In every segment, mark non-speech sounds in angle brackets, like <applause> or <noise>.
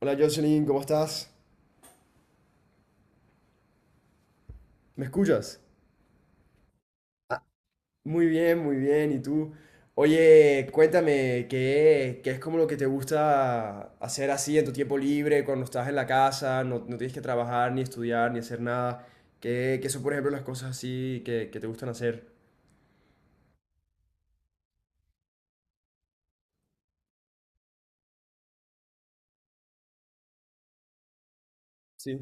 Hola Jocelyn, ¿cómo estás? ¿Me escuchas? Muy bien, muy bien. ¿Y tú? Oye, cuéntame, ¿qué es como lo que te gusta hacer así en tu tiempo libre, cuando estás en la casa, no tienes que trabajar, ni estudiar, ni hacer nada? ¿Qué son, por ejemplo, las cosas así que te gustan hacer? Sí.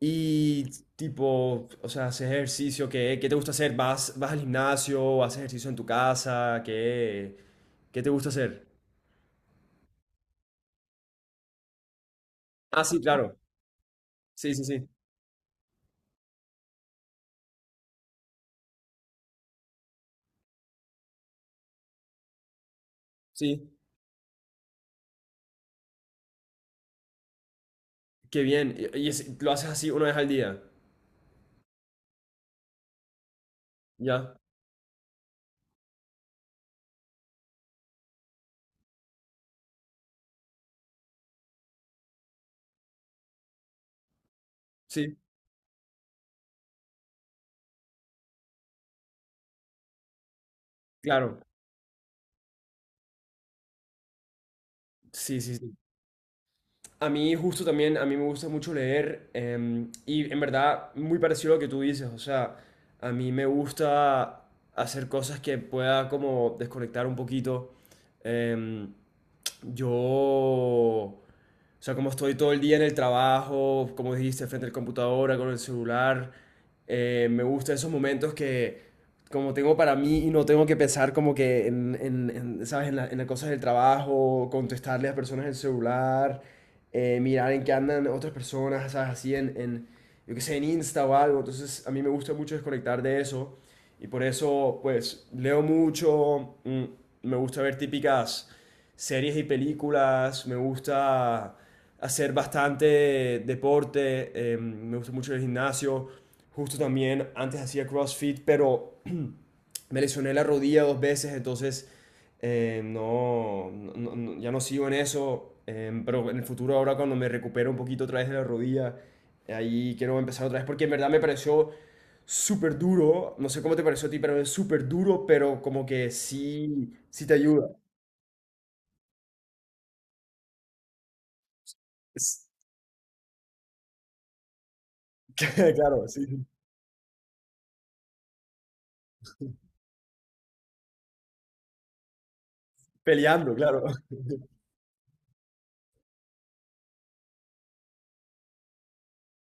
Y tipo, o sea, haces ejercicio, ¿qué te gusta hacer? ¿Vas al gimnasio? ¿Haces ejercicio en tu casa? ¿Qué te gusta hacer? Ah, sí, claro. Sí, sí, sí. Sí. Qué bien. Y lo haces así una vez al día. ¿Ya? Sí, claro. Sí, sí, sí. A mí justo también, a mí me gusta mucho leer y en verdad muy parecido a lo que tú dices. O sea, a mí me gusta hacer cosas que pueda como desconectar un poquito. Em, yo... O sea, como estoy todo el día en el trabajo, como dijiste, frente al computadora, con el celular, me gustan esos momentos que como tengo para mí y no tengo que pensar como que en, ¿sabes? En las cosas del trabajo, contestarle a personas en el celular, mirar en qué andan otras personas, ¿sabes? Así en, yo qué sé, en Insta o algo. Entonces, a mí me gusta mucho desconectar de eso. Y por eso, pues, leo mucho, me gusta ver típicas series y películas, me gusta hacer bastante deporte, me gusta mucho el gimnasio, justo también antes hacía CrossFit, pero me lesioné la rodilla dos veces, entonces no, ya no sigo en eso, pero en el futuro ahora cuando me recupero un poquito otra vez de la rodilla, ahí quiero empezar otra vez, porque en verdad me pareció súper duro, no sé cómo te pareció a ti, pero es súper duro, pero como que sí, sí te ayuda. Es- <laughs> Claro, sí. Peleando, claro. <laughs>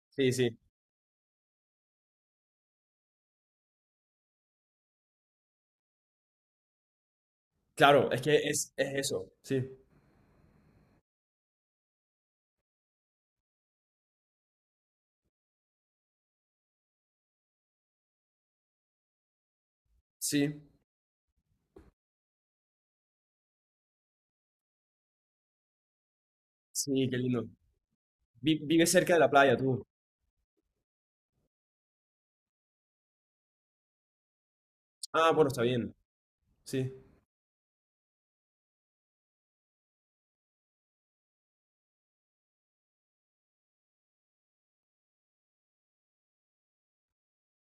Sí, sí. Claro, es que es eso. Sí, sí, sí, qué lindo. Vives cerca de la playa tú. Ah, bueno, está bien. Sí,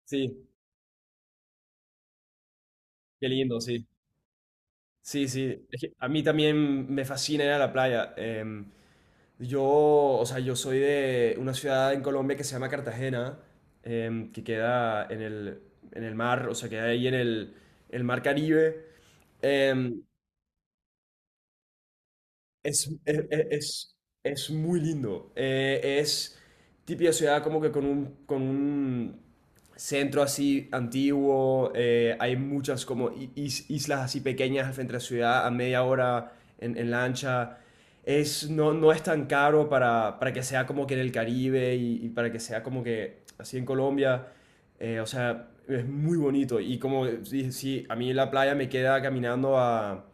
sí, qué lindo, sí. Sí, sí. Es que a mí también me fascina ir a la playa. Yo, o sea, yo soy de una ciudad en Colombia que se llama Cartagena, que queda en el mar, o sea, queda ahí en el mar Caribe. Em, Es, es, es- es muy lindo. Es típica ciudad como que con un centro así antiguo. Hay muchas como islas así pequeñas al frente de la ciudad a media hora en lancha. Es, no, no es tan caro para que sea como que en el Caribe y para que sea como que así en Colombia. O sea, es muy bonito. Y como dije, sí, a mí la playa me queda caminando a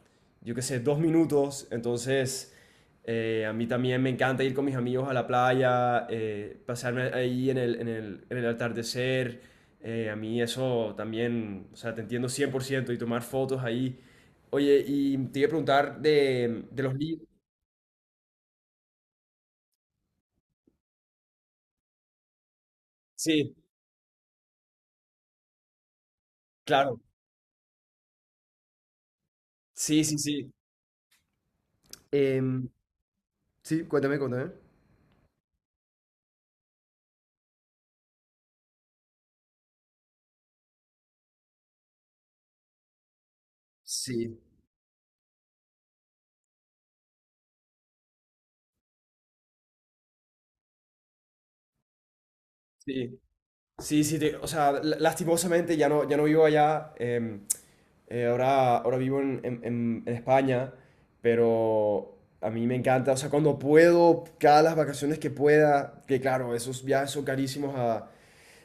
yo qué sé, dos minutos. Entonces, a mí también me encanta ir con mis amigos a la playa, pasarme ahí en el, en el, en el atardecer. A mí eso también, o sea, te entiendo 100% y tomar fotos ahí. Oye, y te iba a preguntar de los libros. Sí, claro. Sí, sí, sí. Em, Sí, cuéntame, cuéntame. Sí, sí, sí, sí, o sea, lastimosamente ya no, ya no vivo allá, ahora, ahora vivo en, en España, pero a mí me encanta, o sea, cuando puedo, cada las vacaciones que pueda, que claro, esos viajes son carísimos a,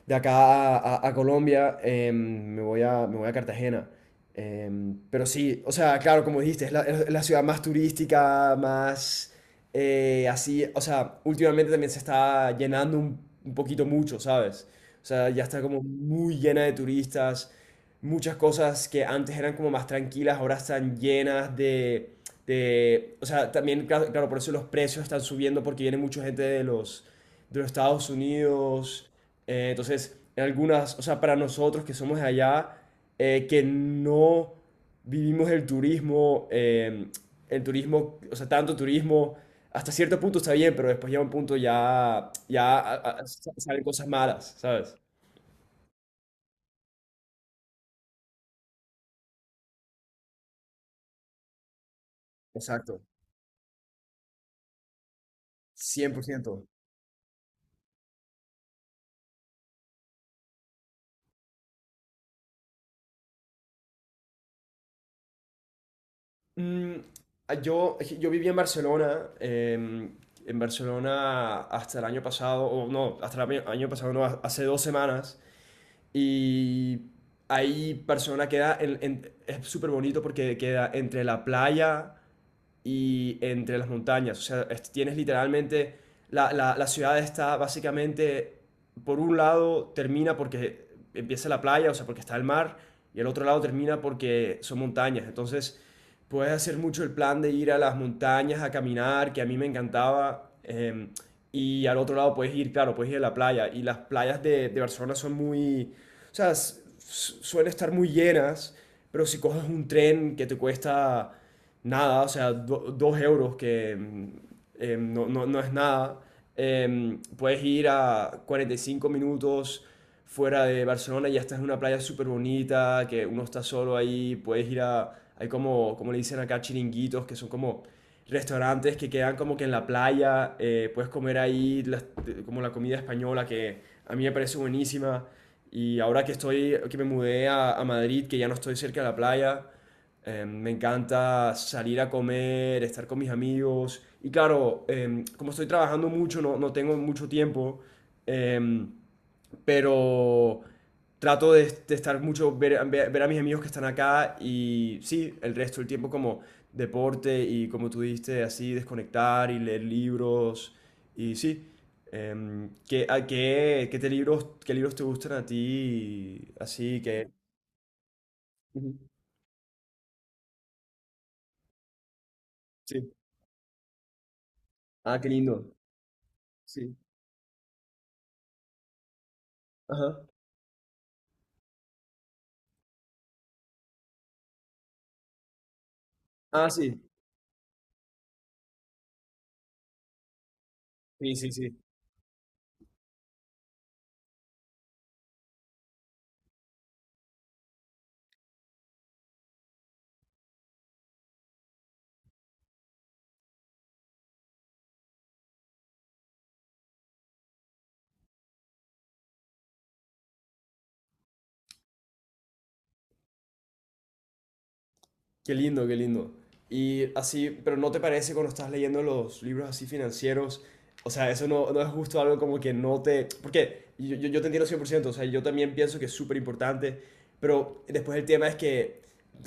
de acá a, a Colombia, me voy a Cartagena. Pero sí, o sea, claro, como dijiste, es la ciudad más turística, más así, o sea, últimamente también se está llenando un poquito mucho, ¿sabes? O sea, ya está como muy llena de turistas, muchas cosas que antes eran como más tranquilas, ahora están llenas de... o sea, también, claro, claro, por eso los precios están subiendo porque viene mucha gente de los Estados Unidos. Entonces, en algunas, o sea, para nosotros que somos de allá, que no vivimos el turismo, o sea, tanto turismo, hasta cierto punto está bien, pero después llega un punto ya, ya salen cosas malas, ¿sabes? Exacto, 100%. Mm, yo, yo viví en Barcelona, en Barcelona hasta el año pasado, o no, hasta el año pasado, no, hace dos semanas. Y ahí Barcelona queda, es súper bonito porque queda entre la playa y entre las montañas. O sea, tienes literalmente, la, la ciudad está básicamente, por un lado termina porque empieza la playa, o sea, porque está el mar, y el otro lado termina porque son montañas. Entonces, puedes hacer mucho el plan de ir a las montañas a caminar, que a mí me encantaba. Y al otro lado puedes ir, claro, puedes ir a la playa. Y las playas de Barcelona son muy, o sea, suelen estar muy llenas, pero si coges un tren que te cuesta nada, o sea, dos euros que no, no es nada. Puedes ir a 45 minutos fuera de Barcelona y ya estás en una playa súper bonita, que uno está solo ahí, puedes ir a, hay como, como le dicen acá, chiringuitos, que son como restaurantes que quedan como que en la playa, puedes comer ahí como la comida española, que a mí me parece buenísima. Y ahora que estoy, que me mudé a Madrid, que ya no estoy cerca de la playa, me encanta salir a comer, estar con mis amigos. Y claro, como estoy trabajando mucho, no, no tengo mucho tiempo, eh, pero trato de estar mucho, ver, ver a mis amigos que están acá y sí, el resto del tiempo como deporte y como tú dijiste, así desconectar y leer libros. Y sí, ¿qué, qué libros te gustan a ti? Así que... Ujú, sí. Ah, qué lindo. Sí. Ajá. Ah, sí. Sí, sí, sí. Qué lindo, qué lindo. Y así, pero ¿no te parece cuando estás leyendo los libros así financieros? O sea, eso no, no es justo algo como que no te... Porque yo te entiendo cien por ciento, o sea, yo también pienso que es súper importante, pero después el tema es que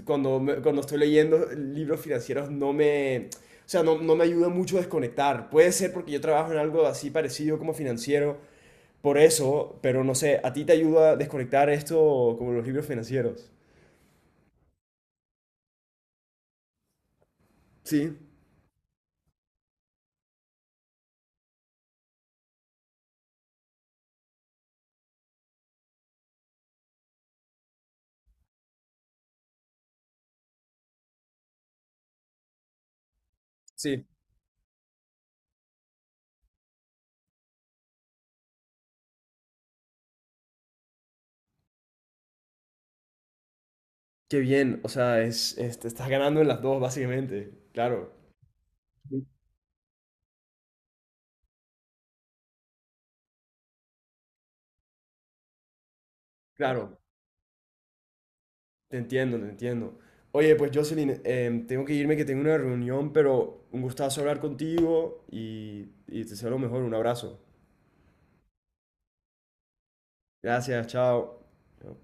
cuando, cuando estoy leyendo libros financieros no me... O sea, no, no me ayuda mucho a desconectar. Puede ser porque yo trabajo en algo así parecido como financiero, por eso, pero no sé, ¿a ti te ayuda a desconectar esto como los libros financieros? Sí, sí. Qué bien. O sea, te estás ganando en las dos, básicamente. Claro, sí, claro. Te entiendo, te entiendo. Oye, pues Jocelyn, tengo que irme, que tengo una reunión, pero un gustazo hablar contigo y te deseo lo mejor. Un abrazo. Gracias, chao. Chao.